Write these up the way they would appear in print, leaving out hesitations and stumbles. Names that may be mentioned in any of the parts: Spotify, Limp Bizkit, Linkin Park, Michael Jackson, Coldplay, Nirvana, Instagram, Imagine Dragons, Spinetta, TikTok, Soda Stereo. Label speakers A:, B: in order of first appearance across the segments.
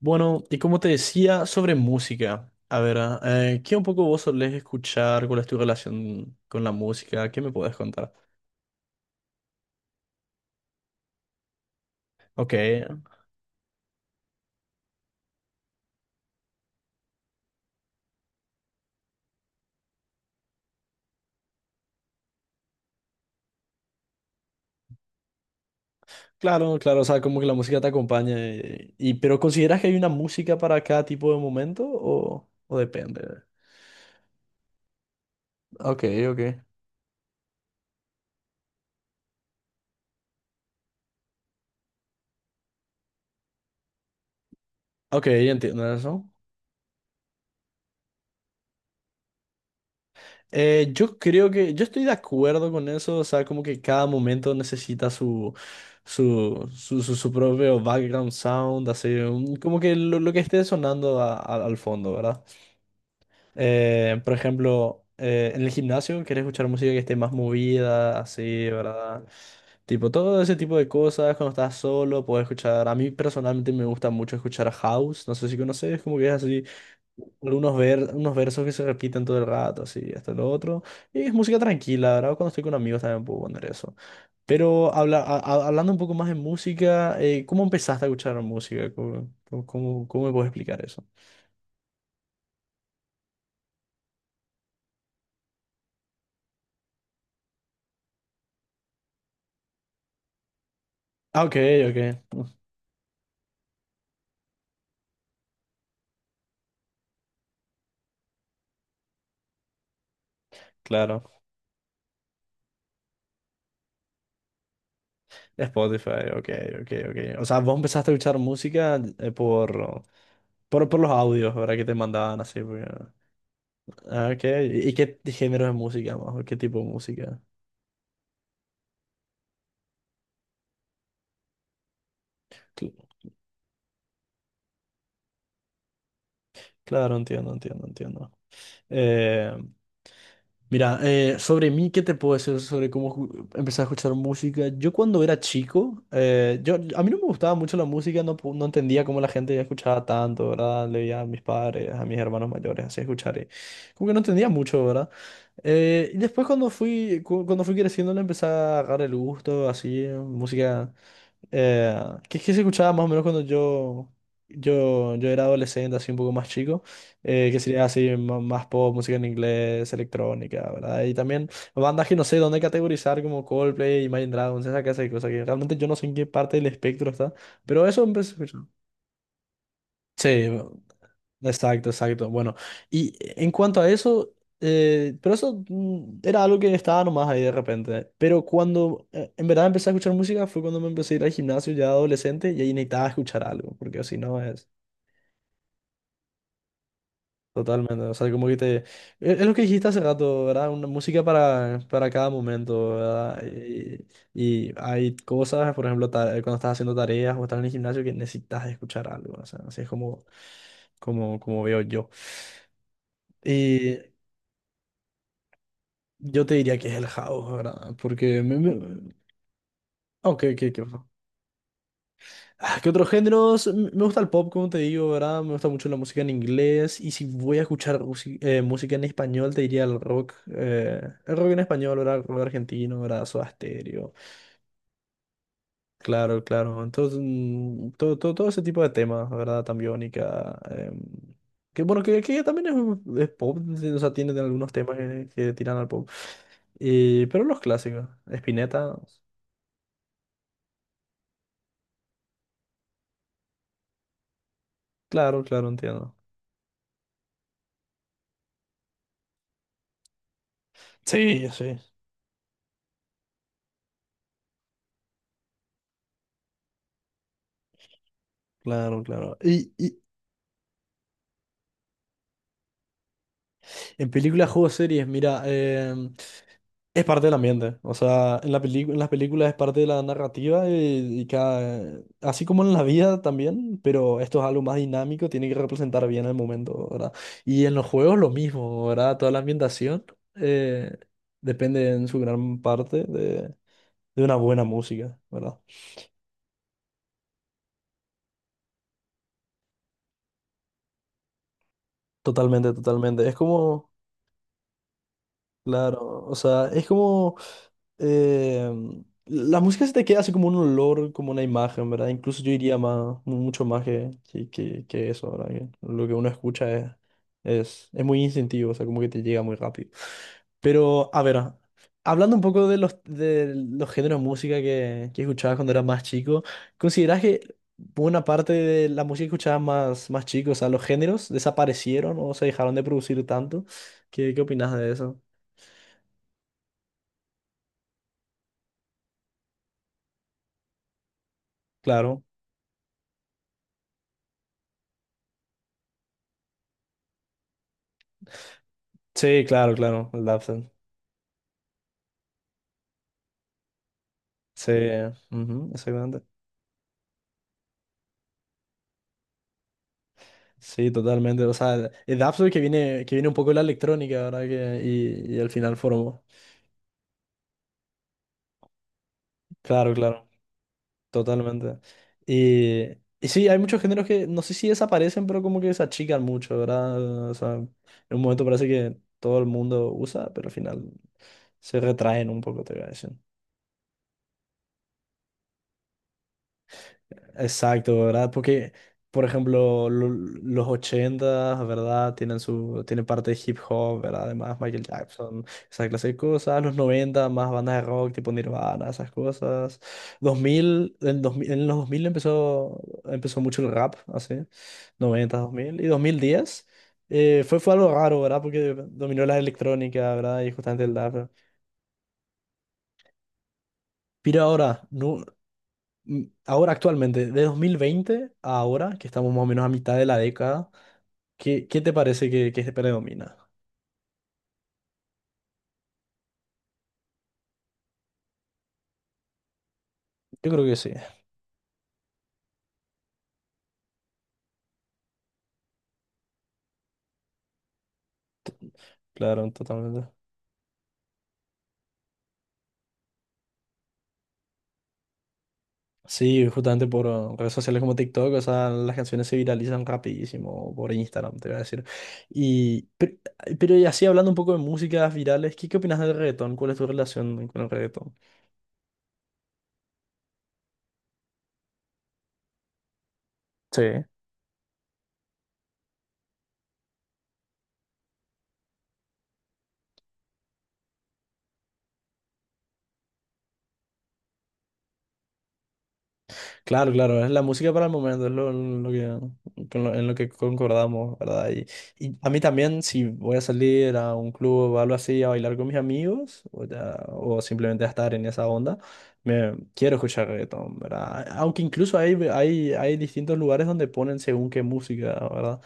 A: Bueno, y como te decía, sobre música. A ver, ¿qué un poco vos solés escuchar? ¿Cuál es tu relación con la música? ¿Qué me podés contar? Ok, claro, claro, o sea, como que la música te acompaña. Y, pero ¿consideras que hay una música para cada tipo de momento o depende? Ok, ok. Ok, entiendo eso. Yo creo que yo estoy de acuerdo con eso, o sea, como que cada momento necesita su propio background sound, así, como que lo que esté sonando al fondo, ¿verdad? Por ejemplo, en el gimnasio querés escuchar música que esté más movida, así, ¿verdad? Tipo, todo ese tipo de cosas, cuando estás solo, puedes escuchar. A mí personalmente me gusta mucho escuchar house. No sé si conoces, como que es así, algunos ver, unos versos que se repiten todo el rato, así, esto, lo otro. Y es música tranquila, ¿verdad? Cuando estoy con amigos también puedo poner eso. Pero habla, hablando un poco más de música, ¿cómo empezaste a escuchar música? Cómo me puedes explicar eso? Ah, ok, ok. Claro. Spotify, ok, ok, ok. O sea, vos empezaste a escuchar música por. Por los audios, ¿verdad? Que te mandaban así. Porque… Ah, ok. Y qué género de música más? ¿O qué tipo de música? Cl- Claro, entiendo, entiendo, entiendo. Eh, Mira, sobre mí, ¿qué te puedo decir sobre cómo empecé a escuchar música? Yo cuando era chico, a mí no me gustaba mucho la música, no, no entendía cómo la gente escuchaba tanto, ¿verdad? Le veía a mis padres, a mis hermanos mayores, así escuchar. Y como que no entendía mucho, ¿verdad? Y después cuando cuando fui creciendo le empecé a agarrar el gusto, así, música… Eh, que es que se escuchaba más o menos cuando yo era adolescente, así un poco más chico, que sería así más pop, música en inglés, electrónica, ¿verdad? Y también bandas que no sé dónde categorizar como Coldplay, Imagine Dragons, esa clase de cosas que realmente yo no sé en qué parte del espectro está, pero eso empecé a escuchar. Sí, exacto, exacto. Bueno, y en cuanto a eso, pero eso era algo que estaba nomás ahí de repente. Pero cuando en verdad empecé a escuchar música fue cuando me empecé a ir al gimnasio ya adolescente y ahí necesitaba escuchar algo, porque si no es totalmente, o sea, como que te… es lo que dijiste hace rato, ¿verdad? Una música para cada momento, ¿verdad? Y hay cosas, por ejemplo, cuando estás haciendo tareas o estás en el gimnasio que necesitas escuchar algo, o sea, así es como veo yo. Yo te diría que es el house, ¿verdad? Porque… Me, ah, ok, ah, ¿qué otros géneros? Me gusta el pop, como te digo, ¿verdad? Me gusta mucho la música en inglés. Y si voy a escuchar música en español, te diría el rock. El rock en español, ¿verdad? El rock argentino, ¿verdad? Soda Stereo. Claro, claro. Entonces, todo ese tipo de temas, ¿verdad? Tambiónica. Que bueno, que también es pop. Sí, o sea, tiene algunos temas que tiran al pop. Y pero los clásicos. Spinetta. Claro, claro, entiendo. Sí, sí, claro, claro. Y en películas, juegos, series, mira, es parte del ambiente. O sea, en la en las películas es parte de la narrativa y cada, así como en la vida también, pero esto es algo más dinámico, tiene que representar bien el momento, ¿verdad? Y en los juegos lo mismo, ¿verdad? Toda la ambientación eh, depende en su gran parte de una buena música, ¿verdad? Totalmente, totalmente. Es como… Claro, o sea, es como… eh, la música se te queda así como un olor, como una imagen, ¿verdad? Incluso yo diría más, mucho más que eso, ¿verdad? Que lo que uno escucha es muy instintivo, o sea, como que te llega muy rápido. Pero, a ver, hablando un poco de de los géneros de música que escuchabas cuando eras más chico, ¿consideras que buena parte de la música que escuchabas más, más chico, o sea, los géneros desaparecieron o se dejaron de producir tanto? Qué opinas de eso? Claro, sí, claro, claro, el Dapsul. Sí, ujú, exactamente. Sí, totalmente. O sea, el Dapsul que viene un poco de la electrónica, ¿verdad? Que, y al final formó. Claro, claro, totalmente. Y, y sí, hay muchos géneros que no sé si desaparecen, pero como que se achican mucho, ¿verdad? O sea, en un momento parece que todo el mundo usa, pero al final se retraen un poco, te voy a decir. Exacto, ¿verdad? Porque, por ejemplo, los 80, ¿verdad? Tienen su, tienen parte de hip hop, ¿verdad? Además, Michael Jackson, esa clase de cosas. Los 90 más bandas de rock tipo Nirvana, esas cosas. Dos mil en los 2000 empezó mucho el rap, así. Noventa dos mil y 2010 fue algo raro, ¿verdad? Porque dominó la electrónica, ¿verdad? Y justamente el rap. Pero ahora, ahora actualmente, de 2020 a ahora, que estamos más o menos a mitad de la década, qué te parece que predomina? Yo creo que sí, claro, totalmente. Sí, justamente por redes sociales como TikTok, o sea, las canciones se viralizan rapidísimo por Instagram, te voy a decir. Y, pe- pero, y así hablando un poco de músicas virales, qué opinas del reggaetón? ¿Cuál es tu relación con el reggaetón? Sí. Claro, claro, es la música para el momento, es lo en lo que concordamos, ¿verdad? Y a mí también, si voy a salir a un club o algo así a bailar con mis amigos, o simplemente a estar en esa onda, me quiero escuchar reggaetón, ¿verdad? Aunque incluso hay distintos lugares donde ponen según qué música, ¿verdad?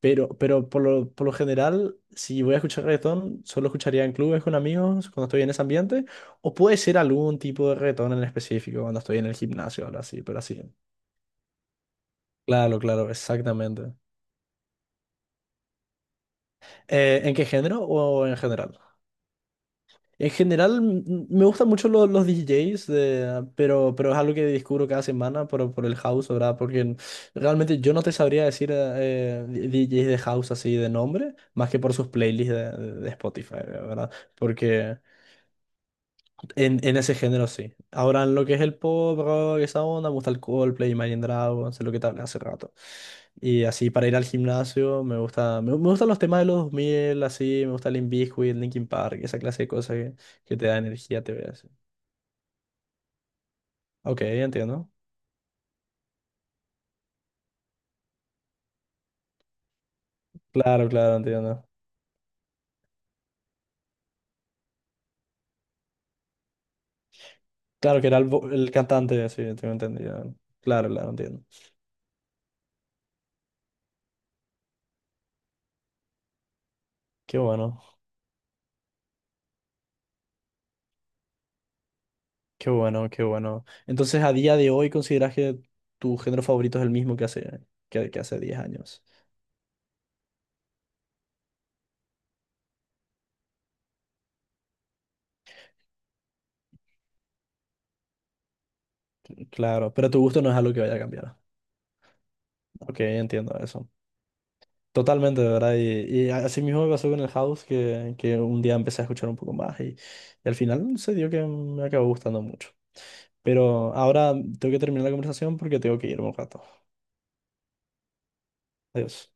A: Pero por por lo general, si voy a escuchar reggaetón, solo escucharía en clubes con amigos cuando estoy en ese ambiente, o puede ser algún tipo de reggaetón en específico cuando estoy en el gimnasio, ahora sí, pero así. Claro, claro, exactamente. ¿En qué género o en general? En general, me gustan mucho los DJs, pero es algo que descubro cada semana por el house, ¿verdad? Porque realmente yo no te sabría decir DJs de house así de nombre, más que por sus playlists de Spotify, ¿verdad? Porque en ese género sí. Ahora en lo que es el pop, rock, esa onda, me gusta el Coldplay, Imagine Dragons, es lo que te hablé hace rato. Y así para ir al gimnasio me gustan los temas de los 2000, así, me gusta Limp Bizkit, Linkin Park, esa clase de cosas que te da energía, te ve así. Ok, entiendo. Claro, claro, entiendo. Claro que era el cantante, sí, tengo entendido. Claro, claro, entiendo. Qué bueno, qué bueno, qué bueno. Entonces, a día de hoy, ¿consideras que tu género favorito es el mismo que que hace 10 años? Claro, pero tu gusto no es algo que vaya a cambiar. Ok, entiendo eso. Totalmente, de verdad. Y así mismo me pasó con el house, que un día empecé a escuchar un poco más y al final se dio que me acabó gustando mucho. Pero ahora tengo que terminar la conversación porque tengo que irme un rato. Adiós.